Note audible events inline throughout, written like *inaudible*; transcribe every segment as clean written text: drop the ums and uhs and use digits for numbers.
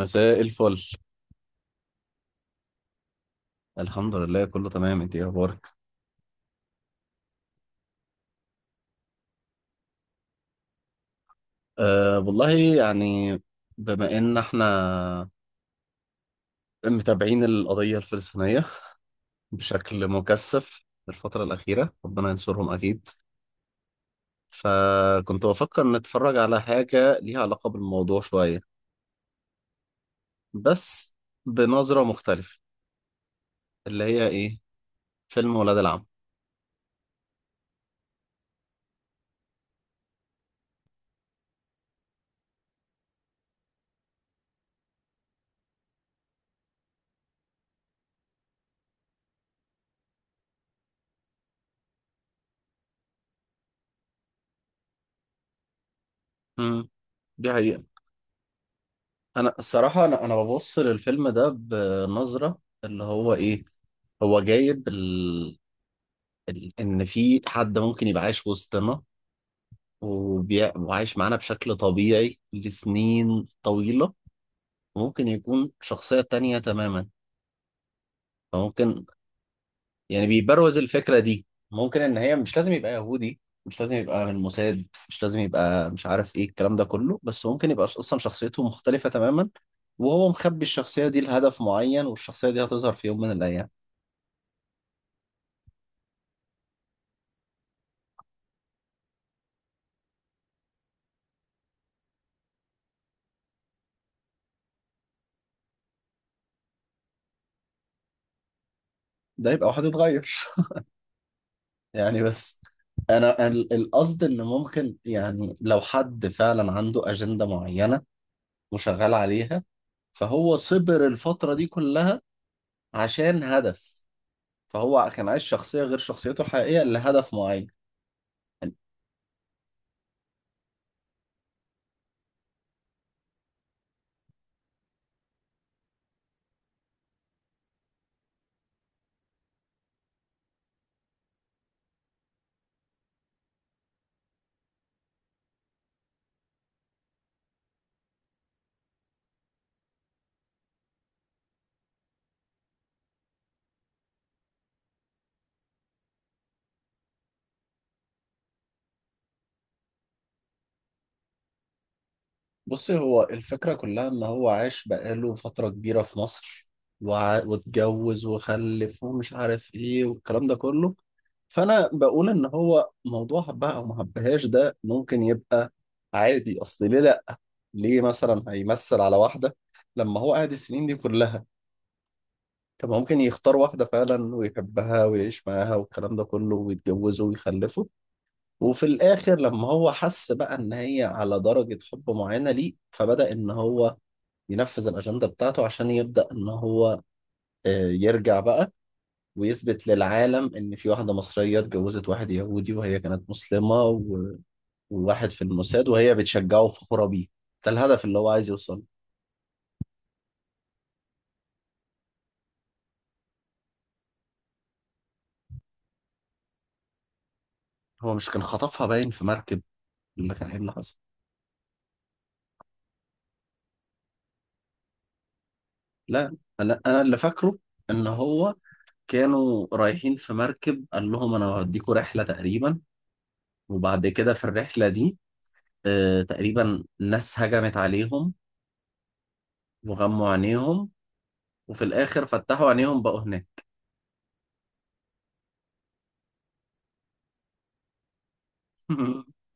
مساء الفل. الحمد لله كله تمام. انت ايه اخبارك؟ أه والله، يعني بما ان احنا متابعين القضية الفلسطينية بشكل مكثف الفترة الأخيرة، ربنا ينصرهم أكيد. فكنت بفكر نتفرج على حاجة ليها علاقة بالموضوع شوية، بس بنظرة مختلفة. اللي هي ايه؟ فيلم ولاد العم. مم. دي حقيقة. أنا الصراحة أنا ببص للفيلم ده بنظرة، اللي هو ايه، هو جايب ان في حد ممكن يبقى عايش وسطنا، وعايش معانا بشكل طبيعي لسنين طويلة، وممكن يكون شخصية تانية تماما. فممكن يعني بيبروز الفكرة دي، ممكن ان هي مش لازم يبقى يهودي، مش لازم يبقى من موساد، مش لازم يبقى مش عارف ايه الكلام ده كله، بس ممكن يبقى اصلا شخصيته مختلفة تماما. وهو مخبي الشخصية دي لهدف معين، والشخصية دي هتظهر في يوم من الأيام. ده يبقى واحد اتغير يعني. بس انا القصد ان ممكن، يعني لو حد فعلا عنده اجندة معينة وشغال عليها، فهو صبر الفترة دي كلها عشان هدف. فهو كان عايش شخصية غير شخصيته الحقيقية لهدف معين يعني. بصي، هو الفكرة كلها ان هو عاش بقاله فترة كبيرة في مصر، واتجوز وخلف ومش عارف ايه والكلام ده كله. فانا بقول ان هو موضوع حبها او ما حبهاش ده ممكن يبقى عادي. اصل ليه لا؟ ليه مثلا هيمثل على واحدة لما هو قاعد السنين دي كلها؟ طب ما ممكن يختار واحدة فعلا ويحبها ويعيش معاها والكلام ده كله، ويتجوزوا ويخلفوا. وفي الآخر لما هو حس بقى إن هي على درجة حب معينة ليه، فبدأ إن هو ينفذ الأجندة بتاعته، عشان يبدأ إن هو يرجع بقى، ويثبت للعالم إن في واحدة مصرية اتجوزت واحد يهودي وهي كانت مسلمة، وواحد في الموساد وهي بتشجعه وفخورة بيه. ده الهدف اللي هو عايز يوصله. هو مش كان خطفها باين في مركب؟ اللي كان ايه اللي حصل؟ لا، انا اللي فاكره ان هو كانوا رايحين في مركب، قال لهم انا هوديكوا رحله تقريبا، وبعد كده في الرحله دي تقريبا ناس هجمت عليهم وغموا عينيهم، وفي الاخر فتحوا عينيهم بقوا هناك. *laughs*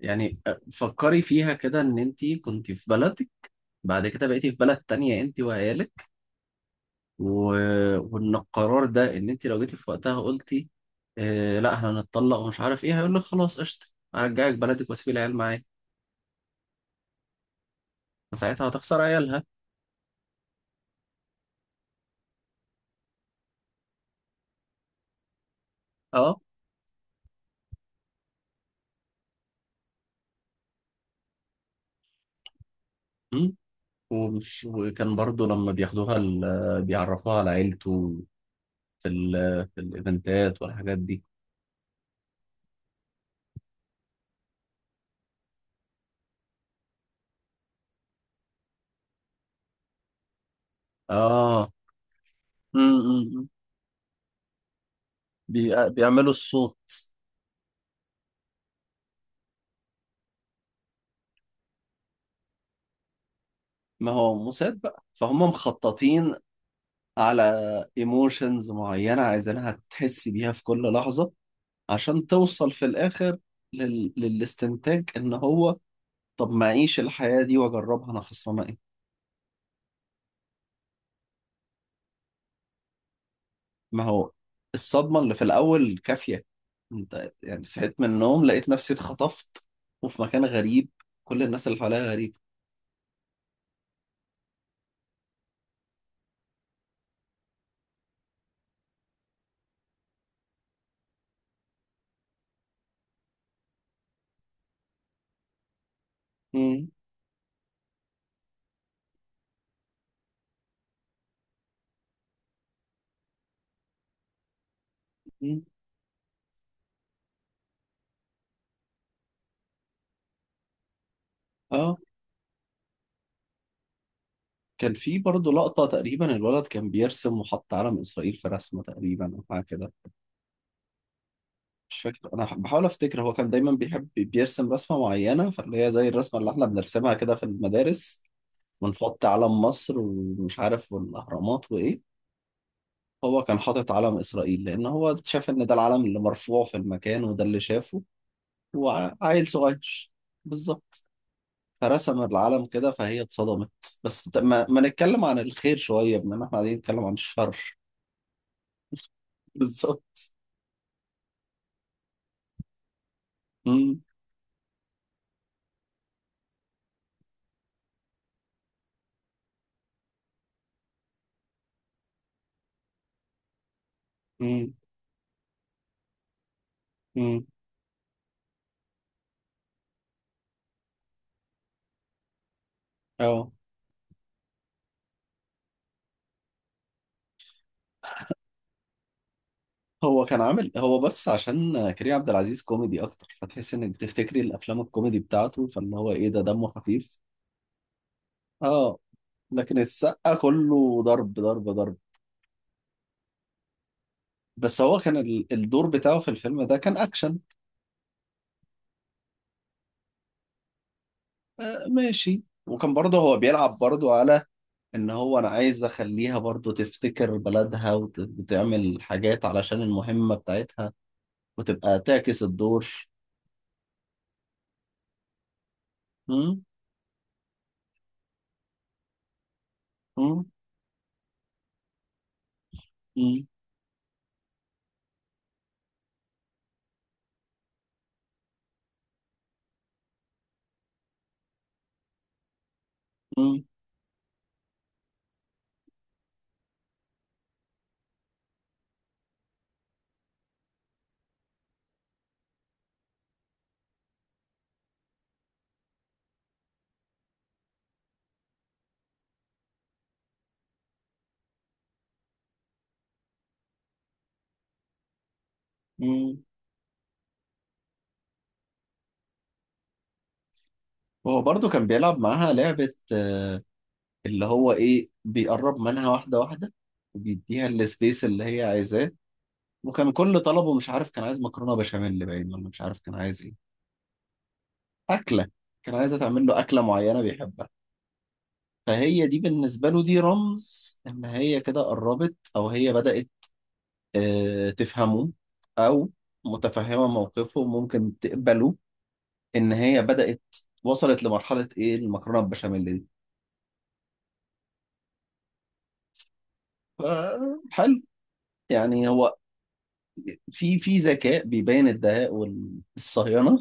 يعني فكري فيها كده، ان انت كنت في بلدك بعد كده بقيتي في بلد تانية انت وعيالك، و... وان القرار ده ان انت لو جيتي في وقتها قلتي آه لا احنا هنتطلق ومش عارف ايه، هيقول لك خلاص قشطه، هرجعك بلدك واسيب العيال معايا. فساعتها هتخسر عيالها. اه. أمم. ومش وكان برضو لما بياخدوها بيعرفوها على عيلته في ال... في الايفنتات والحاجات دي. اه. أمم، أمم، أمم. بيعملوا الصوت. ما هو موساد بقى فهم مخططين على ايموشنز معينة عايزينها تحس بيها في كل لحظة، عشان توصل في الآخر للاستنتاج إن هو طب ما أعيش الحياة دي وأجربها، أنا خسرانة إيه؟ ما هو الصدمة اللي في الأول كافية. أنت يعني صحيت من النوم لقيت نفسي اتخطفت وفي مكان غريب، كل الناس اللي حواليا غريبة. مم. مم. آه، كان في برضه لقطة تقريبا الولد كان بيرسم وحط علم إسرائيل في رسمة تقريبا أو حاجة كده. مش فاكر، أنا بحاول أفتكر، هو كان دايما بيحب بيرسم رسمة معينة فاللي هي زي الرسمة اللي إحنا بنرسمها كده في المدارس، ونحط علم مصر ومش عارف والأهرامات وإيه. هو كان حاطط علم إسرائيل لأن هو شاف إن ده العلم اللي مرفوع في المكان وده اللي شافه، وعيل صغير بالظبط، فرسم العلم كده فهي اتصدمت. بس ما نتكلم عن الخير شوية بما إن إحنا قاعدين نتكلم عن الشر. *laughs* بالظبط. مم، مم، مم. أه، هو كان عامل، هو بس عشان كريم عبد العزيز كوميدي أكتر فتحس إنك بتفتكري الأفلام الكوميدي بتاعته، فاللي هو إيه ده دمه خفيف. اه. لكن السقا كله ضرب ضرب ضرب. بس هو كان الدور بتاعه في الفيلم ده كان اكشن. آه ماشي. وكان برضه هو بيلعب برضه على ان هو انا عايز اخليها برضه تفتكر بلدها وتعمل حاجات علشان المهمة بتاعتها، وتبقى تعكس الدور. مم، مم، مم، مم، مم. وهو برضه كان بيلعب معاها لعبة اللي هو ايه، بيقرب منها واحدة واحدة وبيديها السبيس اللي هي عايزاه. وكان كل طلبه مش عارف، كان عايز مكرونه بشاميل باين ولا مش عارف كان عايز ايه. اكله، كان عايزه تعمل له اكله معينه بيحبها. فهي دي بالنسبه له دي رمز ان هي كده قربت او هي بدات تفهمه، او متفهمه موقفه ممكن تقبله، ان هي بدات وصلت لمرحله ايه المكرونه بالبشاميل دي. ف- حلو، يعني هو في ذكاء بيبين الدهاء والصهيونه.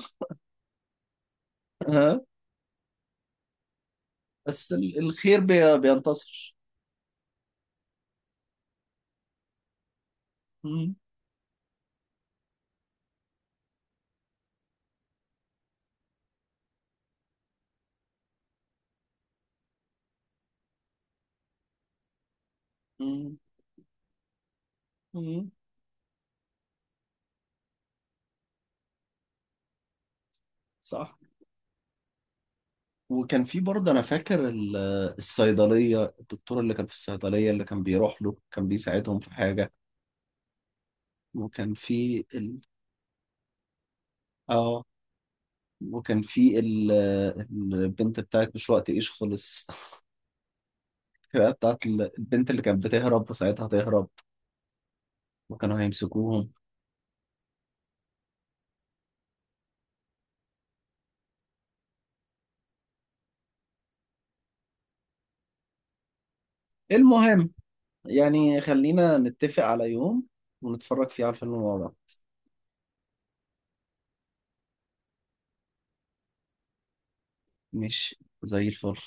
بس الخير بينتصر. مم. مم. مم. صح. وكان في برضه انا فاكر الصيدليه، الدكتور اللي كان في الصيدليه اللي كان بيروح له كان بيساعدهم في حاجه. وكان في ال... اه وكان في ال... البنت بتاعت مش وقت ايش خلص. *laughs* بتاعت البنت اللي كانت بتهرب وساعتها تهرب، وكانوا هيمسكوهم. المهم، يعني خلينا نتفق على يوم ونتفرج فيه على الفيلم مع بعض. مش زي الفل.